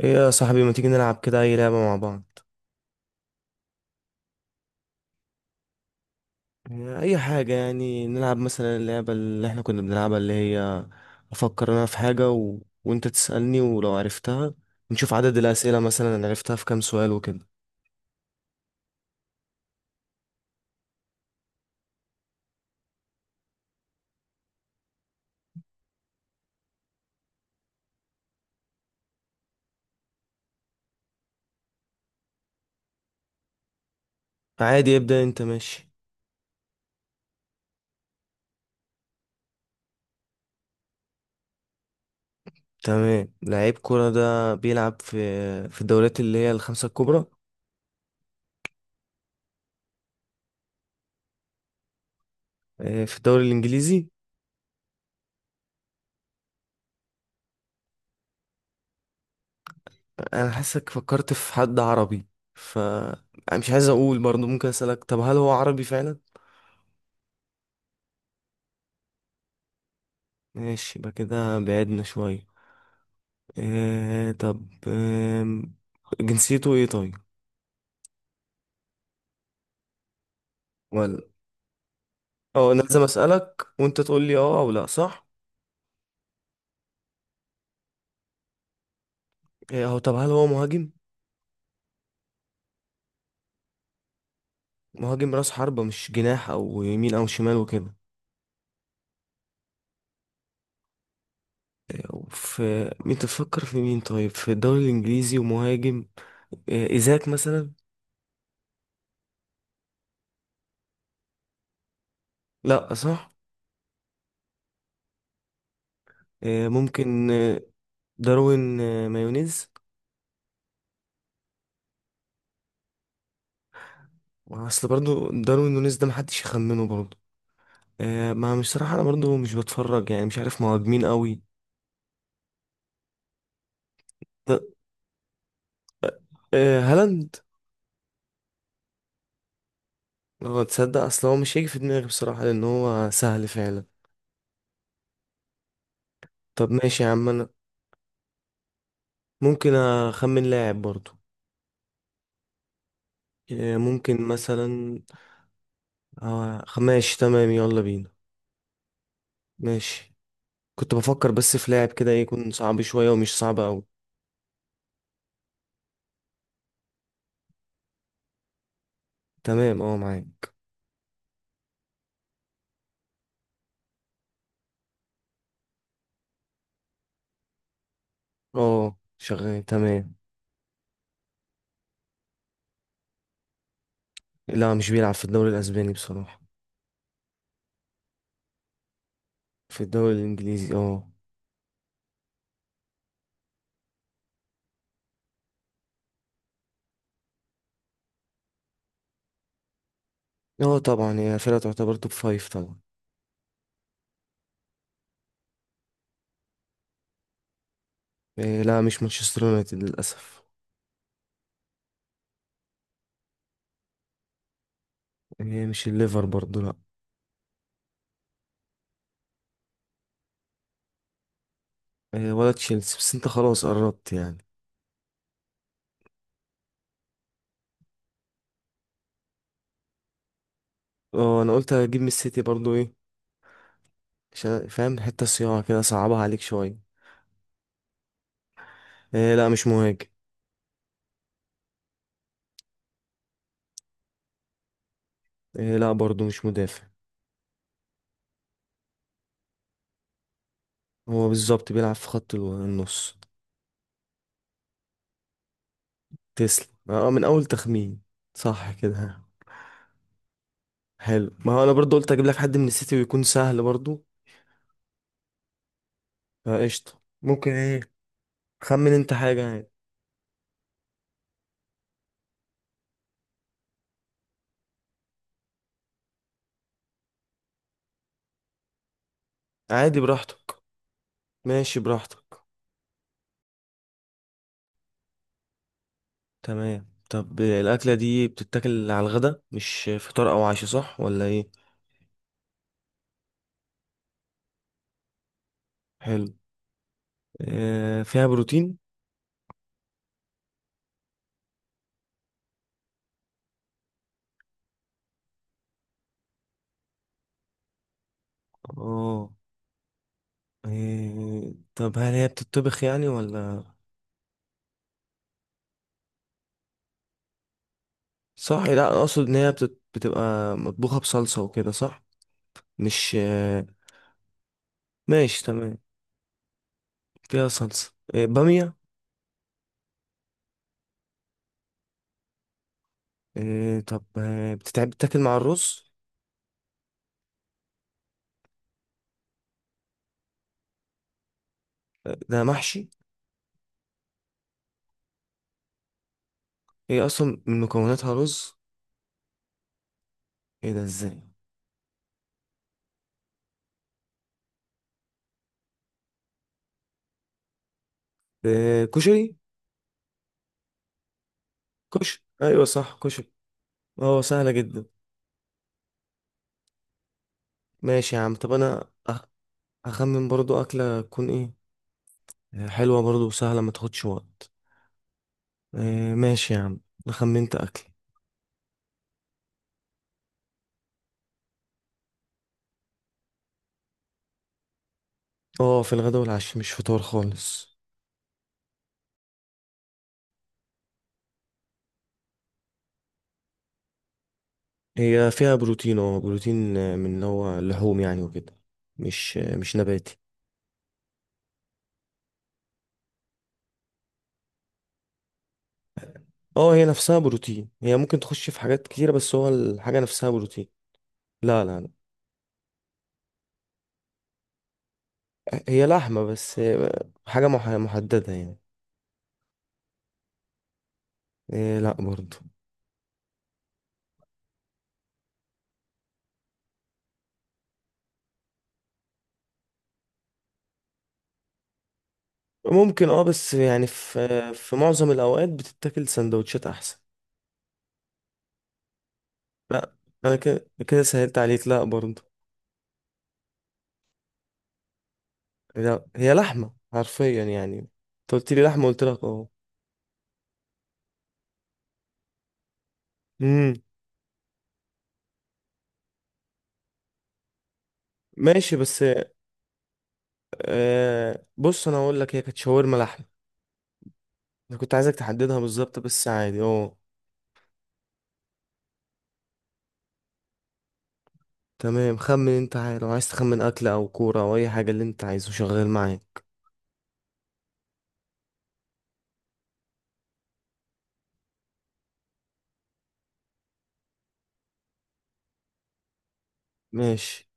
ايه يا صاحبي، ما تيجي نلعب كده اي لعبة مع بعض؟ يعني اي حاجة، يعني نلعب مثلا اللعبة اللي احنا كنا بنلعبها، اللي هي افكر انا في حاجة وانت تسألني ولو عرفتها، نشوف عدد الأسئلة مثلا أنا عرفتها في كام سؤال وكده. عادي، ابدأ انت، ماشي. تمام، لعيب كرة ده بيلعب في الدوريات اللي هي الخمسة الكبرى. في الدوري الانجليزي. انا حاسك فكرت في حد عربي، ف أنا مش عايز اقول، برضه ممكن اسألك، طب هل هو عربي فعلا؟ ماشي، يبقى كده بعدنا شوية. طب، جنسيته ايه طيب؟ ولا، اه انا لازم اسالك وانت تقول لي اه او لا، صح؟ هو طب هل هو مهاجم؟ مهاجم راس حربة، مش جناح او يمين او شمال وكده؟ آه، في مين تفكر في مين طيب في الدوري الانجليزي ومهاجم؟ ايزاك مثلا؟ لا، صح. ممكن داروين مايونيز؟ اصل برضو داروين نونيز ده محدش يخمنه برضو. ما مش صراحة انا برضو مش بتفرج يعني، مش عارف مهاجمين قوي. هالاند. اه تصدق، اصل هو مش هيجي في دماغي بصراحة لان هو سهل فعلا. طب ماشي يا عم، انا ممكن اخمن لاعب برضو. إيه، ممكن مثلا. ماشي تمام، يلا بينا. ماشي، كنت بفكر بس في لاعب كده يكون صعب شوية ومش صعب اوي. تمام، اه معاك. اه، شغال تمام. لا، مش بيلعب في الدوري الاسباني بصراحة. في الدوري الانجليزي، اه. اه طبعا، هي فرقة تعتبر توب فايف طبعا. إيه، لا، مش مانشستر يونايتد للاسف. إيه، مش الليفر برضو، لا. ولا تشيلسي، بس انت خلاص قربت يعني. اه، انا قلت هجيب من السيتي برضو ايه، عشان فاهم حتة صياعة كده صعبها عليك شوية. إيه، لا مش مهاجم. إيه، لا برضو مش مدافع. هو بالظبط بيلعب في خط النص. تسلم، اه من اول تخمين، صح كده. حلو، ما هو انا برضو قلت اجيب لك حد من السيتي ويكون سهل برضو. فقشطة، ممكن ايه. خمن انت حاجة يعني. عادي، براحتك. ماشي براحتك. تمام، طب الأكلة دي بتتاكل على الغدا مش فطار أو عشاء، صح ولا ايه؟ حلو. فيها بروتين. اه. طب هل هي بتطبخ يعني ولا؟ صح، لا اقصد ان هي بتبقى مطبوخة بصلصة وكده، صح؟ مش ماشي تمام. فيها صلصة، بامية؟ طب بتتعب بتاكل مع الرز؟ ده محشي؟ هي اصلا من مكوناتها رز؟ ايه ده ازاي؟ كشري. كشري، ايوه صح، كشري. اه، سهلة جدا. ماشي يا عم، طب انا هخمن برضو اكلة تكون ايه، حلوة برضو وسهلة ما تاخدش وقت. ماشي يا عم، انا خمنت اكل. اه، في الغداء والعشاء مش فطار خالص. هي فيها بروتين، اه بروتين من اللي هو اللحوم يعني وكده، مش مش نباتي. اه، هي نفسها بروتين، هي ممكن تخش في حاجات كتيرة بس هو الحاجة نفسها بروتين. لا، لا، لا. هي لحمة بس حاجة محددة يعني. لا برضو. ممكن اه، بس يعني في في معظم الأوقات بتتاكل سندوتشات أحسن. لا، أنا كده كده سهلت عليك، لا برضو. لا، هي لحمة حرفيا، يعني انت قلت لي لحمة قلت لك اه. امم. ماشي بس، بص انا اقول لك هي كانت شاورما لحمة. انا كنت عايزك تحددها بالظبط بس عادي اه. تمام، خمن انت، عايز لو عايز تخمن اكل او كورة او اي حاجة، اللي انت عايزه شغال معايا. ماشي.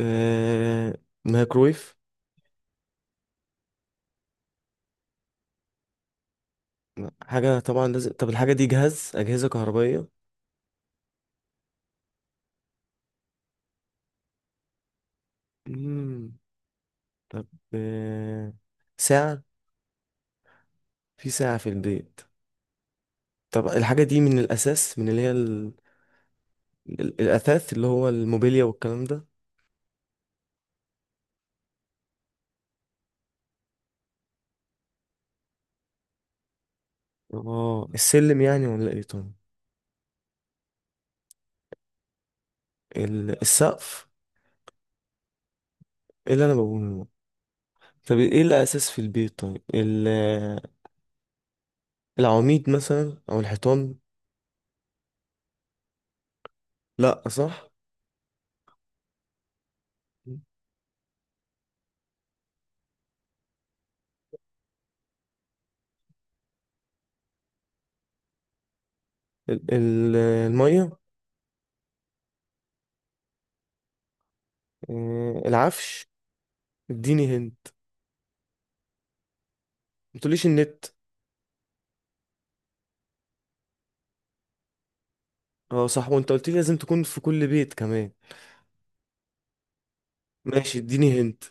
آه مايكرويف. لا، حاجة طبعا لازم. طب الحاجة دي جهاز، أجهزة كهربائية؟ امم. طب آه... ساعة، في ساعة في البيت؟ طب الحاجة دي من الأساس، من اللي هي الأثاث اللي هو الموبيليا والكلام ده؟ اه السلم، يعني ولا ايه طيب؟ السقف؟ ايه اللي انا بقوله. طب ايه الأساس في البيت طيب، العواميد مثلا أو الحيطان؟ لأ، صح. المية؟ العفش؟ اديني هنت. ما تقوليش النت. اه صح، وانت قلت لي لازم تكون في كل بيت كمان. ماشي، اديني هنت.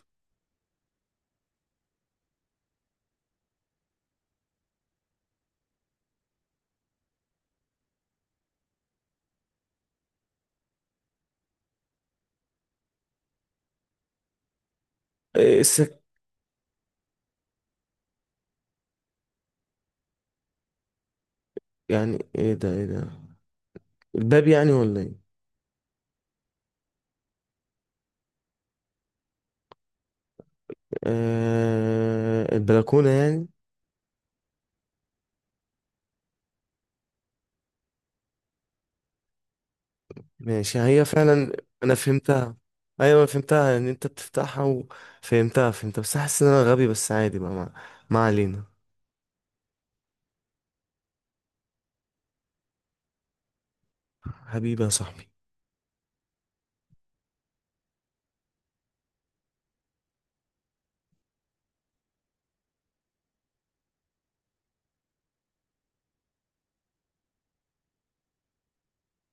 السك؟ يعني ايه ده، ايه ده؟ الباب يعني ولا ايه؟ البلكونة يعني؟ ماشي، هي فعلا. انا فهمتها. ايوه انا فهمتها ان انت بتفتحها، وفهمتها بس حاسس ان انا غبي، بس عادي بقى، ما علينا. حبيبي يا صاحبي.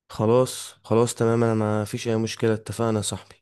خلاص، خلاص، تمام، انا ما فيش اي مشكلة، اتفقنا يا صاحبي.